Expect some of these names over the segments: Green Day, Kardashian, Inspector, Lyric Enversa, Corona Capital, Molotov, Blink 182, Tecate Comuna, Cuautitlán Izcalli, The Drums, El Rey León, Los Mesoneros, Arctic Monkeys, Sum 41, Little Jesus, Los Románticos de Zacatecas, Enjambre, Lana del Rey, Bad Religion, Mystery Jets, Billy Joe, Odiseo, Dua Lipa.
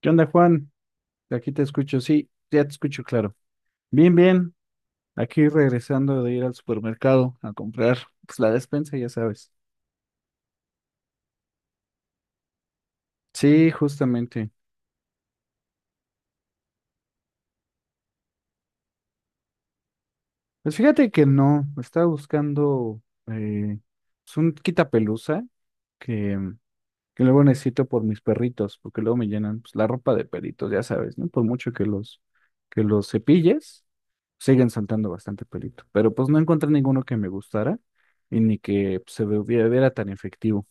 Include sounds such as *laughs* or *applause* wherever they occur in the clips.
¿Qué onda, Juan? Aquí te escucho, sí, ya te escucho claro. Bien, bien, aquí regresando de ir al supermercado a comprar pues, la despensa, ya sabes. Sí, justamente. Pues fíjate que no, estaba buscando eh, pues, un quitapelusa que, que luego necesito por mis perritos, porque luego me llenan pues, la ropa de perritos, ya sabes, ¿no? Por mucho que los cepilles, siguen saltando bastante pelito. Pero pues no encontré ninguno que me gustara y ni que pues, se viera tan efectivo.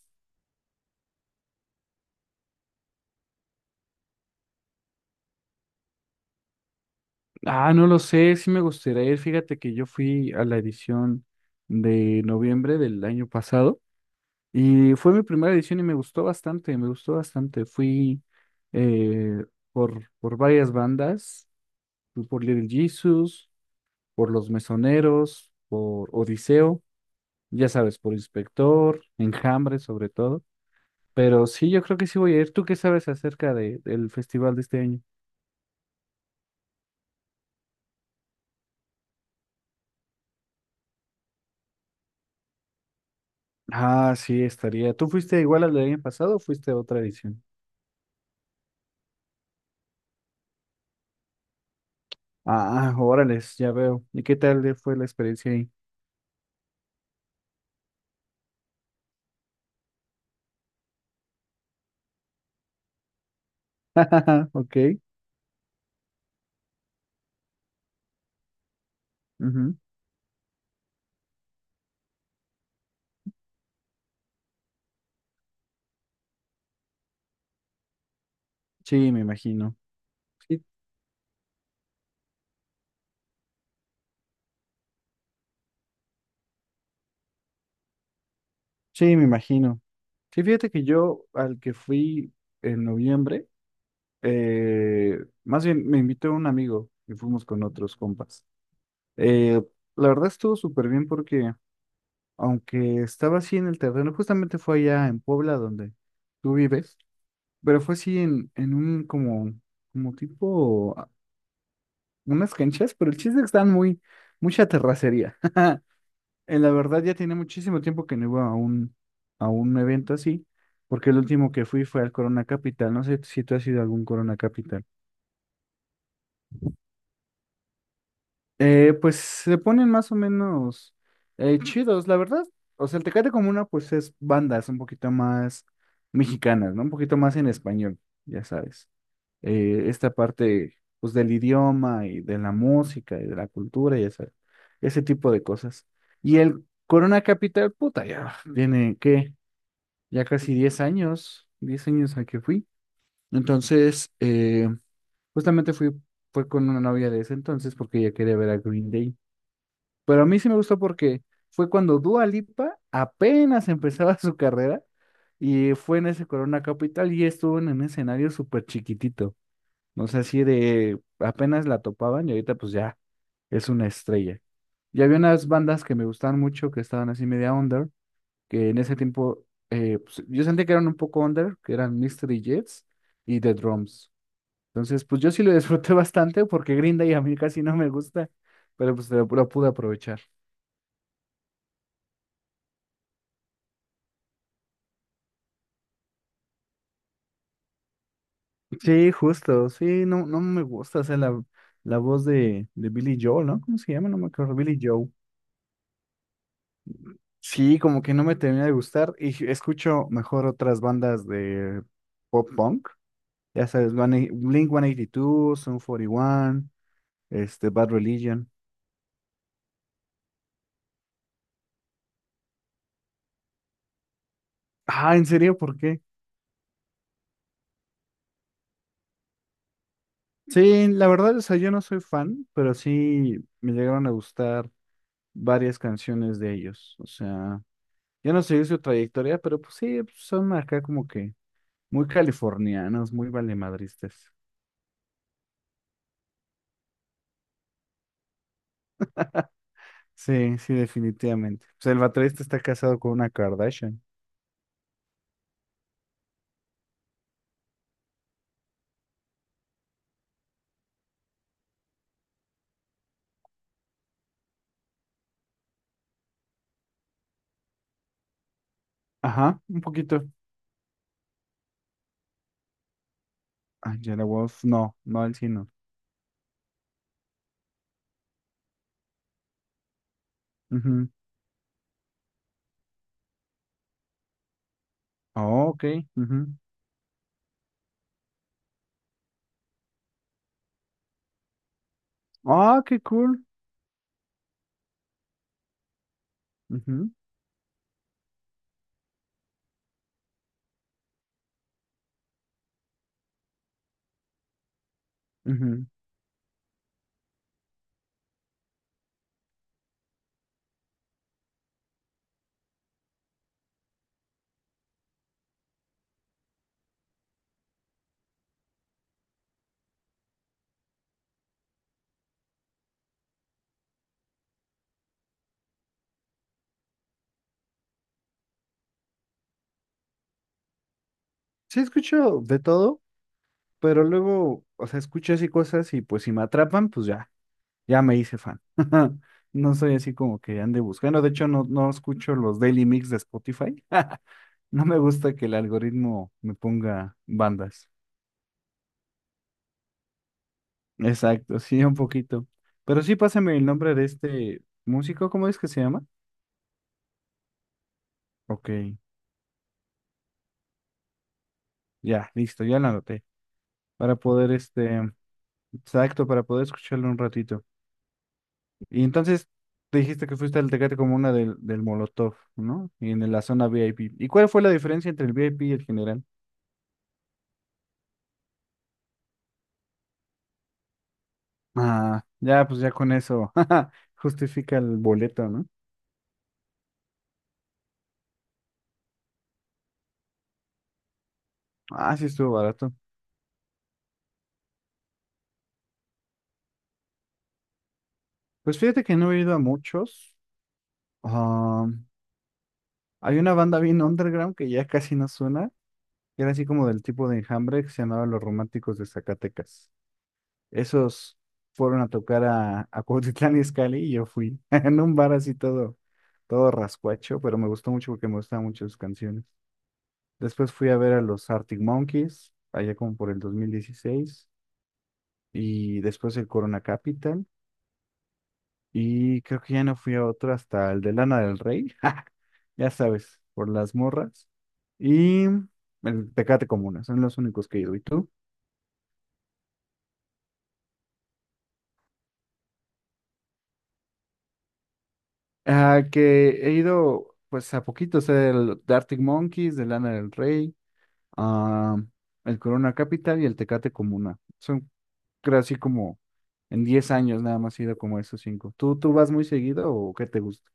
Ah, no lo sé, sí me gustaría ir. Fíjate que yo fui a la edición de noviembre del año pasado y fue mi primera edición y me gustó bastante, me gustó bastante. Fui eh, por varias bandas, fui por Little Jesus, por Los Mesoneros, por Odiseo, ya sabes, por Inspector, Enjambre sobre todo. Pero sí, yo creo que sí voy a ir. ¿Tú qué sabes acerca del festival de este año? Ah, sí, estaría. ¿Tú fuiste igual al del año pasado o fuiste a otra edición? Ah, órale, ya veo. ¿Y qué tal le fue la experiencia ahí? *laughs* Ok. Ujú. Sí, me imagino. Sí, sí, me imagino. Sí, fíjate que yo al que fui en noviembre, eh, más bien me invitó un amigo y fuimos con otros compas. Eh, la verdad estuvo súper bien porque aunque estaba así en el terreno, justamente fue allá en Puebla donde tú vives, pero fue así en, un como tipo unas canchas, pero el chiste es que están mucha terracería. *laughs* En la verdad ya tiene muchísimo tiempo que no iba a un evento así, porque el último que fui fue al Corona Capital. No sé si tú has ido a algún Corona Capital. Pues se ponen más o menos chidos, la verdad. O sea, el Tecate Comuna pues es bandas un poquito más mexicanas, ¿no? Un poquito más en español, ya sabes. Esta parte pues del idioma y de la música y de la cultura y ese tipo de cosas. Y el Corona Capital, puta, ya tiene, ¿qué? Ya casi 10 años, 10 años a que fui. Entonces, justamente fue con una novia de ese entonces porque ella quería ver a Green Day. Pero a mí sí me gustó porque fue cuando Dua Lipa apenas empezaba *laughs* su carrera y fue en ese Corona Capital y estuvo en un escenario súper chiquitito. O sea, así de apenas la topaban y ahorita pues ya es una estrella. Y había unas bandas que me gustaban mucho que estaban así media under, que en ese tiempo pues, yo sentí que eran un poco under, que eran Mystery Jets y The Drums. Entonces, pues yo sí lo *laughs* disfruté bastante porque Green Day a mí casi no me gusta, pero pues lo pude aprovechar. Sí, justo, sí, no, no me gusta, o sea, la, la voz de Billy Joel, ¿no? ¿Cómo se llama? No me acuerdo, Billy Joe. Sí, como que no me termina de gustar y escucho mejor otras bandas de pop punk. Ya sabes, Blink 182, Sum 41, este, Bad Religion. Ah, ¿en serio? ¿Por qué? Sí, la verdad, o sea, yo no soy fan, pero sí me llegaron a gustar varias canciones de ellos. O sea, yo no sé su trayectoria, pero pues sí, son acá como que muy californianos, muy valemadristas. Sí, sí, definitivamente. Pues el baterista está casado con una Kardashian. Ajá, un poquito. Angela Wolf, no, no el sino. Ujú. Oh, ok. Ujú. Ah, qué cool. Ujú, ujú. Sí, escucho de todo, pero luego, o sea, escucho así cosas y pues si me atrapan, pues ya, ya me hice fan. *laughs* No soy así como que ande buscando. De hecho, no, no escucho los Daily Mix de Spotify. *laughs* No me gusta que el algoritmo me ponga bandas. Exacto, sí, un poquito. Pero sí, pásame el nombre de este músico, ¿cómo es que se llama? Ok. Ya, listo, ya lo anoté. Para poder, este, exacto, para poder escucharlo un ratito. Y entonces, te dijiste que fuiste al Tecate Comuna del Molotov, ¿no? Y en la zona VIP. ¿Y cuál fue la diferencia entre el VIP y el general? Ah, ya, pues ya con eso, *laughs* justifica el boleto, ¿no? Ah, sí, estuvo barato. Pues fíjate que no he ido a muchos. Ah, hay una banda bien underground que ya casi no suena, que era así como del tipo de Enjambre que se llamaba Los Románticos de Zacatecas. Esos fueron a tocar a Cuautitlán Izcalli y yo fui *laughs* en un bar así todo, todo rascuacho, pero me gustó mucho porque me gustaban mucho sus canciones. Después fui a ver a los Arctic Monkeys, allá como por el 2016 y después el Corona Capital, y creo que ya no fui a otro hasta el de Lana del Rey, *laughs* ja, ya sabes, por las morras, y el Tecate Comuna, son los únicos que he ido. ¿Y tú? Ah, que he ido pues a poquito, o sea, el The Arctic Monkeys, de Lana del Rey, ah, el Corona Capital y el Tecate Comuna. Son creo así como en 10 años nada más he ido como a esos cinco. ¿Tú vas muy seguido o qué te gusta?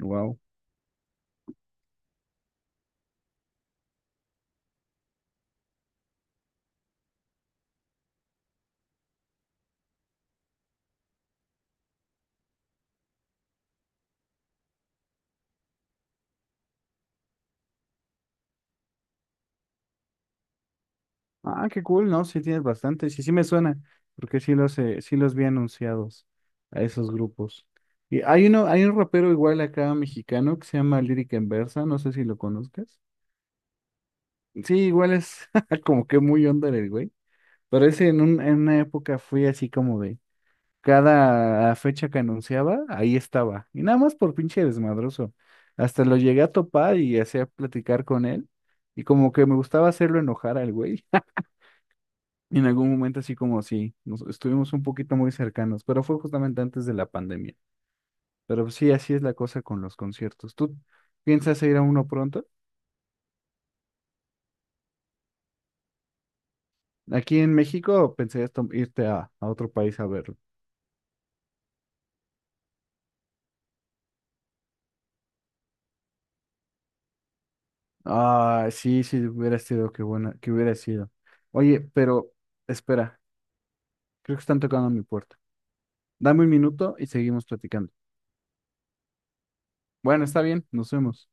Wow. Ah, qué cool, ¿no? Sí tienes bastante, sí, sí me suena, porque sí los vi anunciados a esos grupos. Y hay un rapero igual acá mexicano que se llama Lyric Enversa, no sé si lo conozcas. Sí, igual es *laughs* como que muy onda el güey. Pero ese en una época fui así como de cada fecha que anunciaba, ahí estaba. Y nada más por pinche desmadroso. Hasta lo llegué a topar y hacía platicar con él. Y como que me gustaba hacerlo enojar al güey. *laughs* En algún momento así como si nos estuvimos un poquito muy cercanos, pero fue justamente antes de la pandemia. Pero pues sí, así es la cosa con los conciertos. ¿Tú piensas ir a uno pronto? Aquí en México pensarías irte a otro país a verlo. Ah, sí, sí, hubiera sido, qué buena, que hubiera sido. Oye, pero espera, creo que están tocando a mi puerta. Dame un minuto y seguimos platicando. Bueno, está bien, nos vemos.